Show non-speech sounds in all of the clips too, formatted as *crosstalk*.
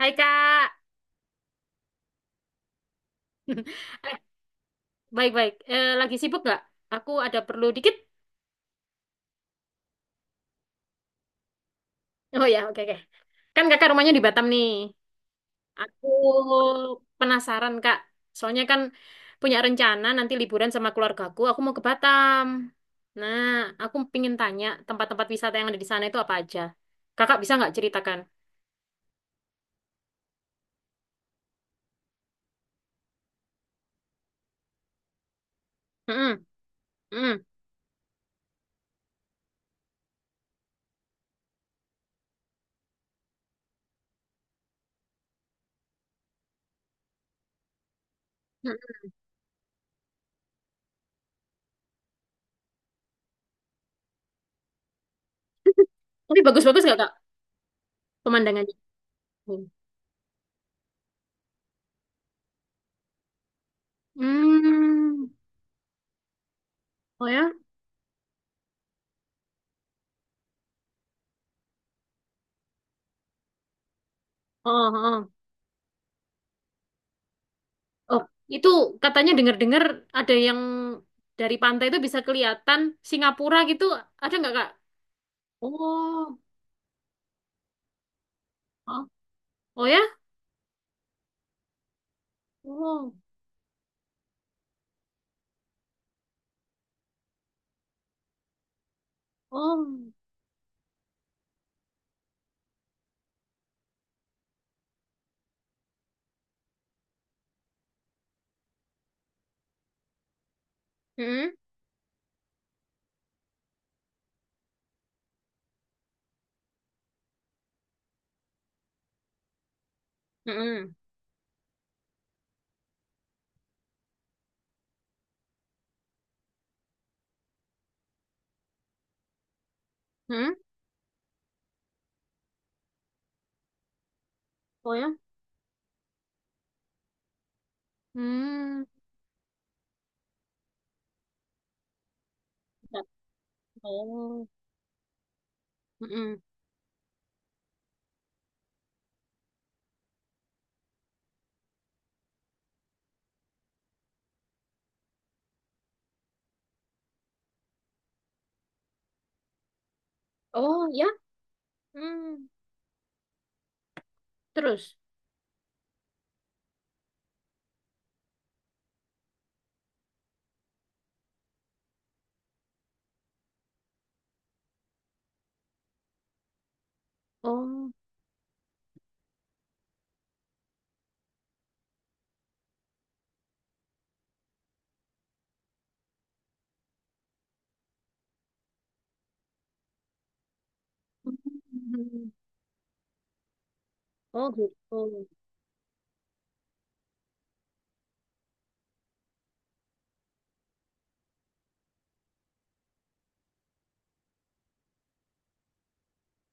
Hai Kak. *laughs* Eh, Baik-baik. Lagi sibuk nggak? Aku ada perlu dikit. Oh ya, oke, oke. Kan kakak rumahnya di Batam nih. Aku penasaran Kak. Soalnya kan punya rencana nanti liburan sama keluargaku. Aku mau ke Batam. Nah, aku pingin tanya tempat-tempat wisata yang ada di sana itu apa aja. Kakak bisa nggak ceritakan? Mm-mm, mm-mm, mm-mm. Tapi bagus-bagus nggak Kak pemandangannya? Hmm. Hmm. Oh ya? Oh, oh. Oh, itu katanya dengar-dengar ada yang dari pantai itu bisa kelihatan Singapura gitu. Ada nggak, Kak? Oh, oh, oh ya? Oh, oh. Hmm, hmm, hmm. Oh ya? Hmm. Oh, hmm. Oh ya? Hmm. Terus? Oh. Hmm. Oh gitu.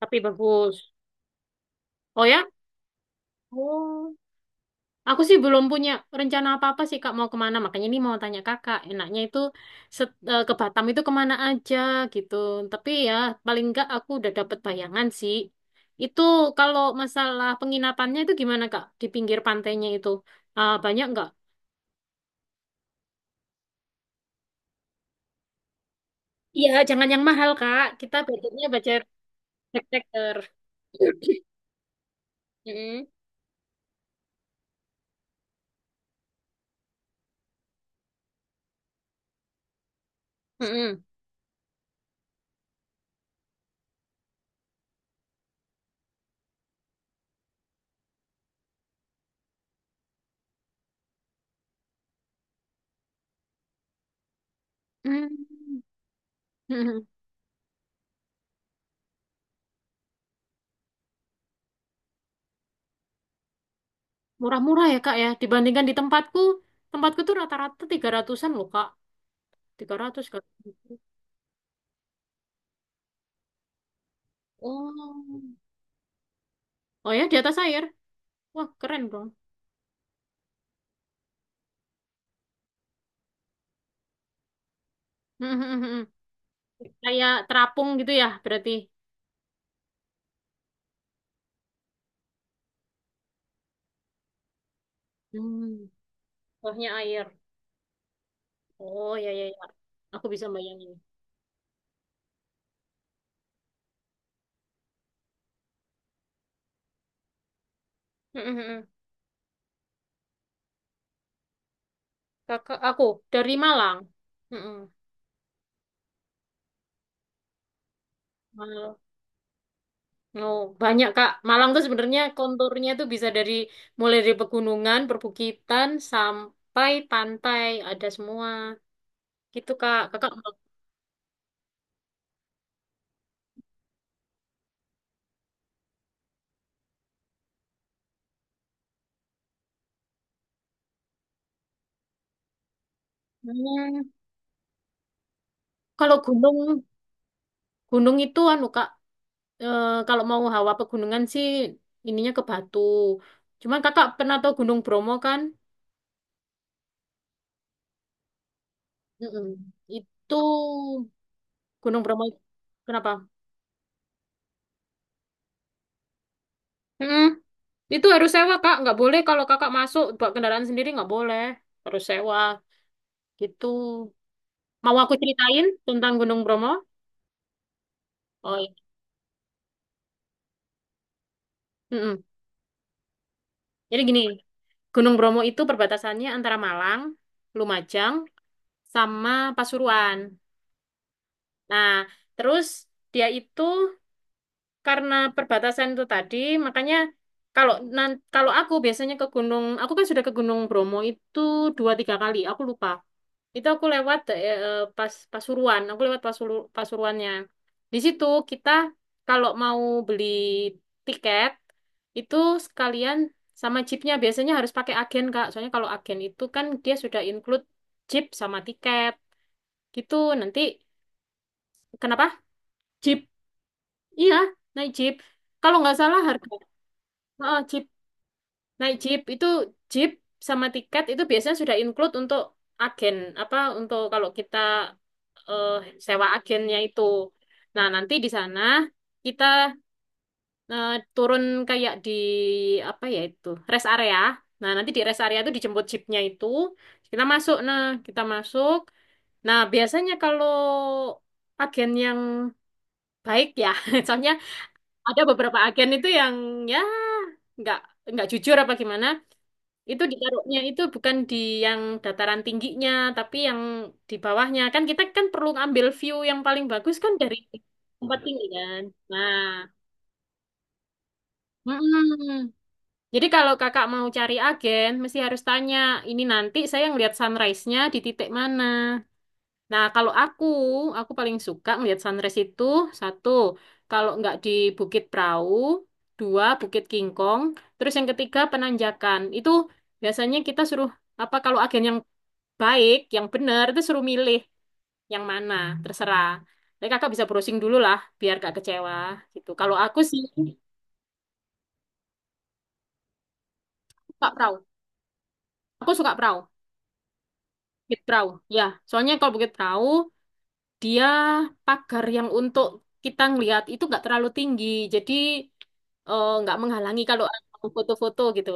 Tapi bagus. Oh ya? Oh. Aku sih belum punya rencana apa-apa sih Kak mau kemana. Makanya ini mau tanya Kakak. Enaknya itu ke Batam itu kemana aja gitu. Tapi ya paling enggak aku udah dapet bayangan sih. Itu kalau masalah penginapannya itu gimana Kak? Di pinggir pantainya itu. Ah, banyak nggak? Iya, jangan yang mahal Kak. Kita budgetnya budget backpacker. Mm-mm. Mm-mm. Mm. Mm-mm. *laughs* Murah-murah ya Kak ya. Dibandingkan di tempatku. Tempatku tuh rata-rata 300-an loh Kak. 300 Kak. Oh. Oh ya, di atas air. Wah, keren dong. *laughs* Kayak terapung gitu ya, berarti. Hmm. Bawahnya air. Oh, ya, ya, ya. Aku bisa bayangin. *laughs* Kakak aku dari Malang. Mm-mm. Malang. Oh, banyak, Kak. Malang tuh sebenarnya konturnya tuh bisa dari mulai dari pegunungan, perbukitan sampai pantai, ada semua. Gitu, Kak. Kakak. Hmm. Kalau gunung, gunung itu anu, Kak, kalau mau hawa pegunungan sih ininya ke Batu. Cuman kakak pernah tahu Gunung Bromo kan? Mm-mm. Itu Gunung Bromo kenapa? Mm-mm. Itu harus sewa kak, nggak boleh kalau kakak masuk bawa kendaraan sendiri nggak boleh, harus sewa gitu. Mau aku ceritain tentang Gunung Bromo? Oh iya. Mm-mm. Jadi gini, Gunung Bromo itu perbatasannya antara Malang, Lumajang, sama Pasuruan. Nah, terus dia itu karena perbatasan itu tadi, makanya kalau kalau aku biasanya ke gunung, aku kan sudah ke Gunung Bromo itu dua tiga kali, aku lupa. Itu aku lewat pas Pasuruan, aku lewat Pasuruannya. Di situ kita kalau mau beli tiket itu sekalian sama jeepnya biasanya harus pakai agen Kak. Soalnya kalau agen itu kan dia sudah include jeep sama tiket. Gitu nanti. Kenapa? Jeep. Iya, naik jeep. Kalau nggak salah harga. Oh, naik jeep itu jeep sama tiket itu biasanya sudah include untuk agen apa untuk kalau kita eh, sewa agennya itu. Nah, nanti di sana kita eh, turun kayak di apa ya itu rest area. Nah, nanti di rest area itu dijemput jeepnya itu kita masuk. Nah, kita masuk. Nah, biasanya kalau agen yang baik ya, *laughs* soalnya ada beberapa agen itu yang ya nggak nggak jujur apa gimana. Itu ditaruhnya itu bukan di yang dataran tingginya, tapi yang di bawahnya. Kan kita kan perlu ngambil view yang paling bagus kan dari tempat tinggi kan. Nah, mm-mm. Jadi kalau kakak mau cari agen, mesti harus tanya, ini nanti saya ngelihat sunrise-nya di titik mana. Nah, kalau aku paling suka ngelihat sunrise itu, satu, kalau nggak di Bukit Prau, dua, Bukit Kingkong, terus yang ketiga, Penanjakan. Itu biasanya kita suruh apa kalau agen yang baik, yang bener itu suruh milih yang mana, terserah. Jadi kakak bisa browsing dulu lah, biar gak kecewa gitu. Kalau aku sih suka perahu, aku suka perahu, bukit perahu. Ya, soalnya kalau bukit perahu dia pagar yang untuk kita ngelihat itu nggak terlalu tinggi, jadi nggak menghalangi kalau aku foto-foto gitu.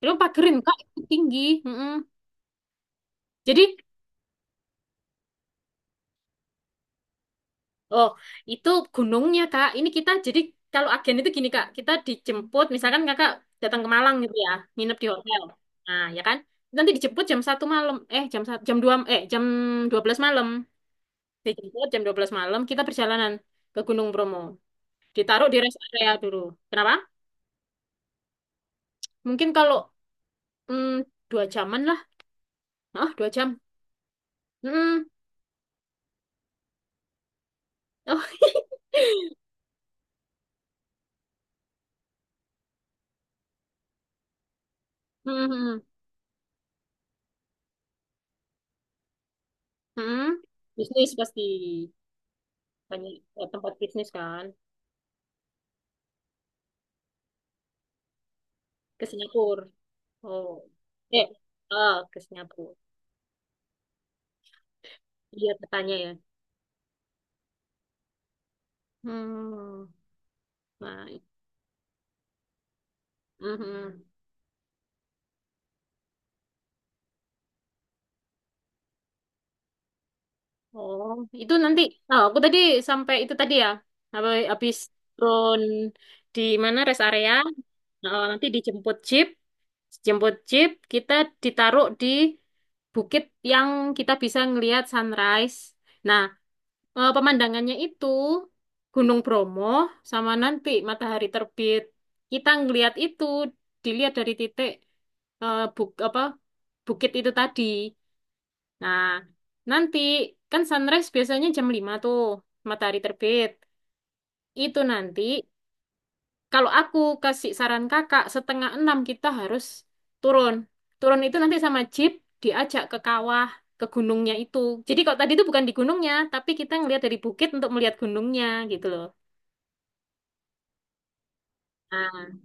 Dia pagarin kak itu tinggi, mm-mm. Jadi Oh, itu gunungnya, Kak. Ini kita jadi kalau agen itu gini, Kak. Kita dijemput, misalkan Kakak datang ke Malang gitu ya, nginep di hotel. Nah, ya kan? Nanti dijemput jam 1 malam. Jam 12 malam. Dijemput jam 12 malam, kita perjalanan ke Gunung Bromo. Ditaruh di rest area dulu. Kenapa? Mungkin kalau mm, dua jaman lah. Ah, 2 jam. Mm. Oh. *laughs* Mm, mm, mm. Bisnis pasti banyak tempat bisnis kan. Ke Singapura. Oh. Eh, ah ke Singapura. Iya, katanya ya. Hmm. Nah, mhm. Oh, itu nanti. Oh, aku tadi sampai itu tadi ya. Apa, habis turun di mana rest area. Oh, nanti dijemput jeep. Jemput jeep, kita ditaruh di bukit yang kita bisa ngelihat sunrise. Nah, pemandangannya itu Gunung Bromo sama nanti matahari terbit. Kita ngelihat itu dilihat dari titik eh, buk apa bukit itu tadi. Nah, nanti kan sunrise biasanya jam 5 tuh matahari terbit. Itu nanti kalau aku kasih saran kakak setengah enam kita harus turun. Turun itu nanti sama jeep diajak ke kawah ke gunungnya itu. Jadi kalau tadi itu bukan di gunungnya, tapi kita ngelihat dari bukit untuk melihat gunungnya gitu loh. Nah,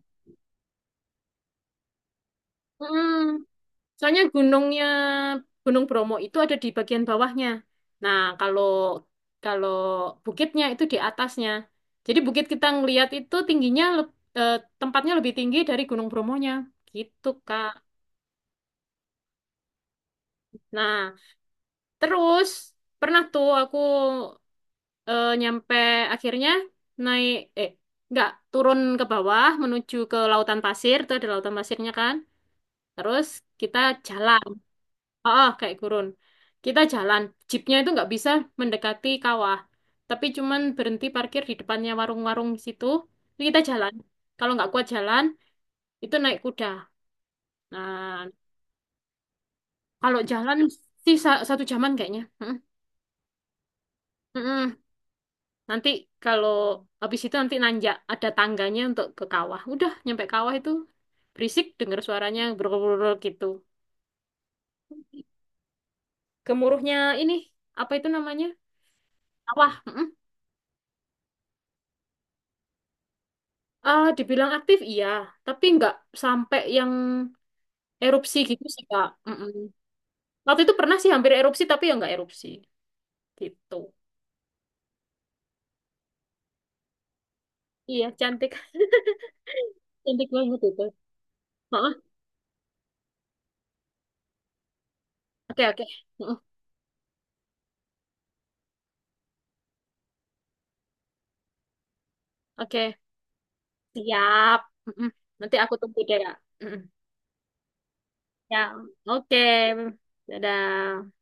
mm-mm. Soalnya gunungnya Gunung Bromo itu ada di bagian bawahnya. Nah, kalau kalau bukitnya itu di atasnya. Jadi bukit kita ngelihat itu tingginya tempatnya lebih tinggi dari Gunung Bromonya. Gitu, Kak. Nah, terus pernah tuh aku nyampe akhirnya naik eh nggak turun ke bawah menuju ke lautan pasir, itu ada lautan pasirnya kan. Terus kita jalan. Ah, ah, kayak gurun. Kita jalan, jeepnya itu nggak bisa mendekati kawah, tapi cuman berhenti parkir di depannya warung-warung di situ. Terus kita jalan. Kalau nggak kuat jalan, itu naik kuda. Nah, kalau jalan sih satu jaman kayaknya. Mm-mm. Mm-mm. Nanti kalau habis itu nanti nanjak ada tangganya untuk ke kawah. Udah nyampe kawah itu berisik dengar suaranya brul gitu. Gemuruhnya ini apa itu namanya? Kawah. Hmm. Ah, dibilang aktif iya, tapi nggak sampai yang erupsi gitu sih Kak. Mm-mm. Waktu itu pernah sih hampir erupsi, tapi ya nggak erupsi gitu. Iya, cantik, *laughs* cantik banget itu. Heeh. Oke, oke. Heeh. Oke, siap. Mm-mm. Nanti aku tunggu deh Kak. Mm-mm. Ya, oke. Dadah.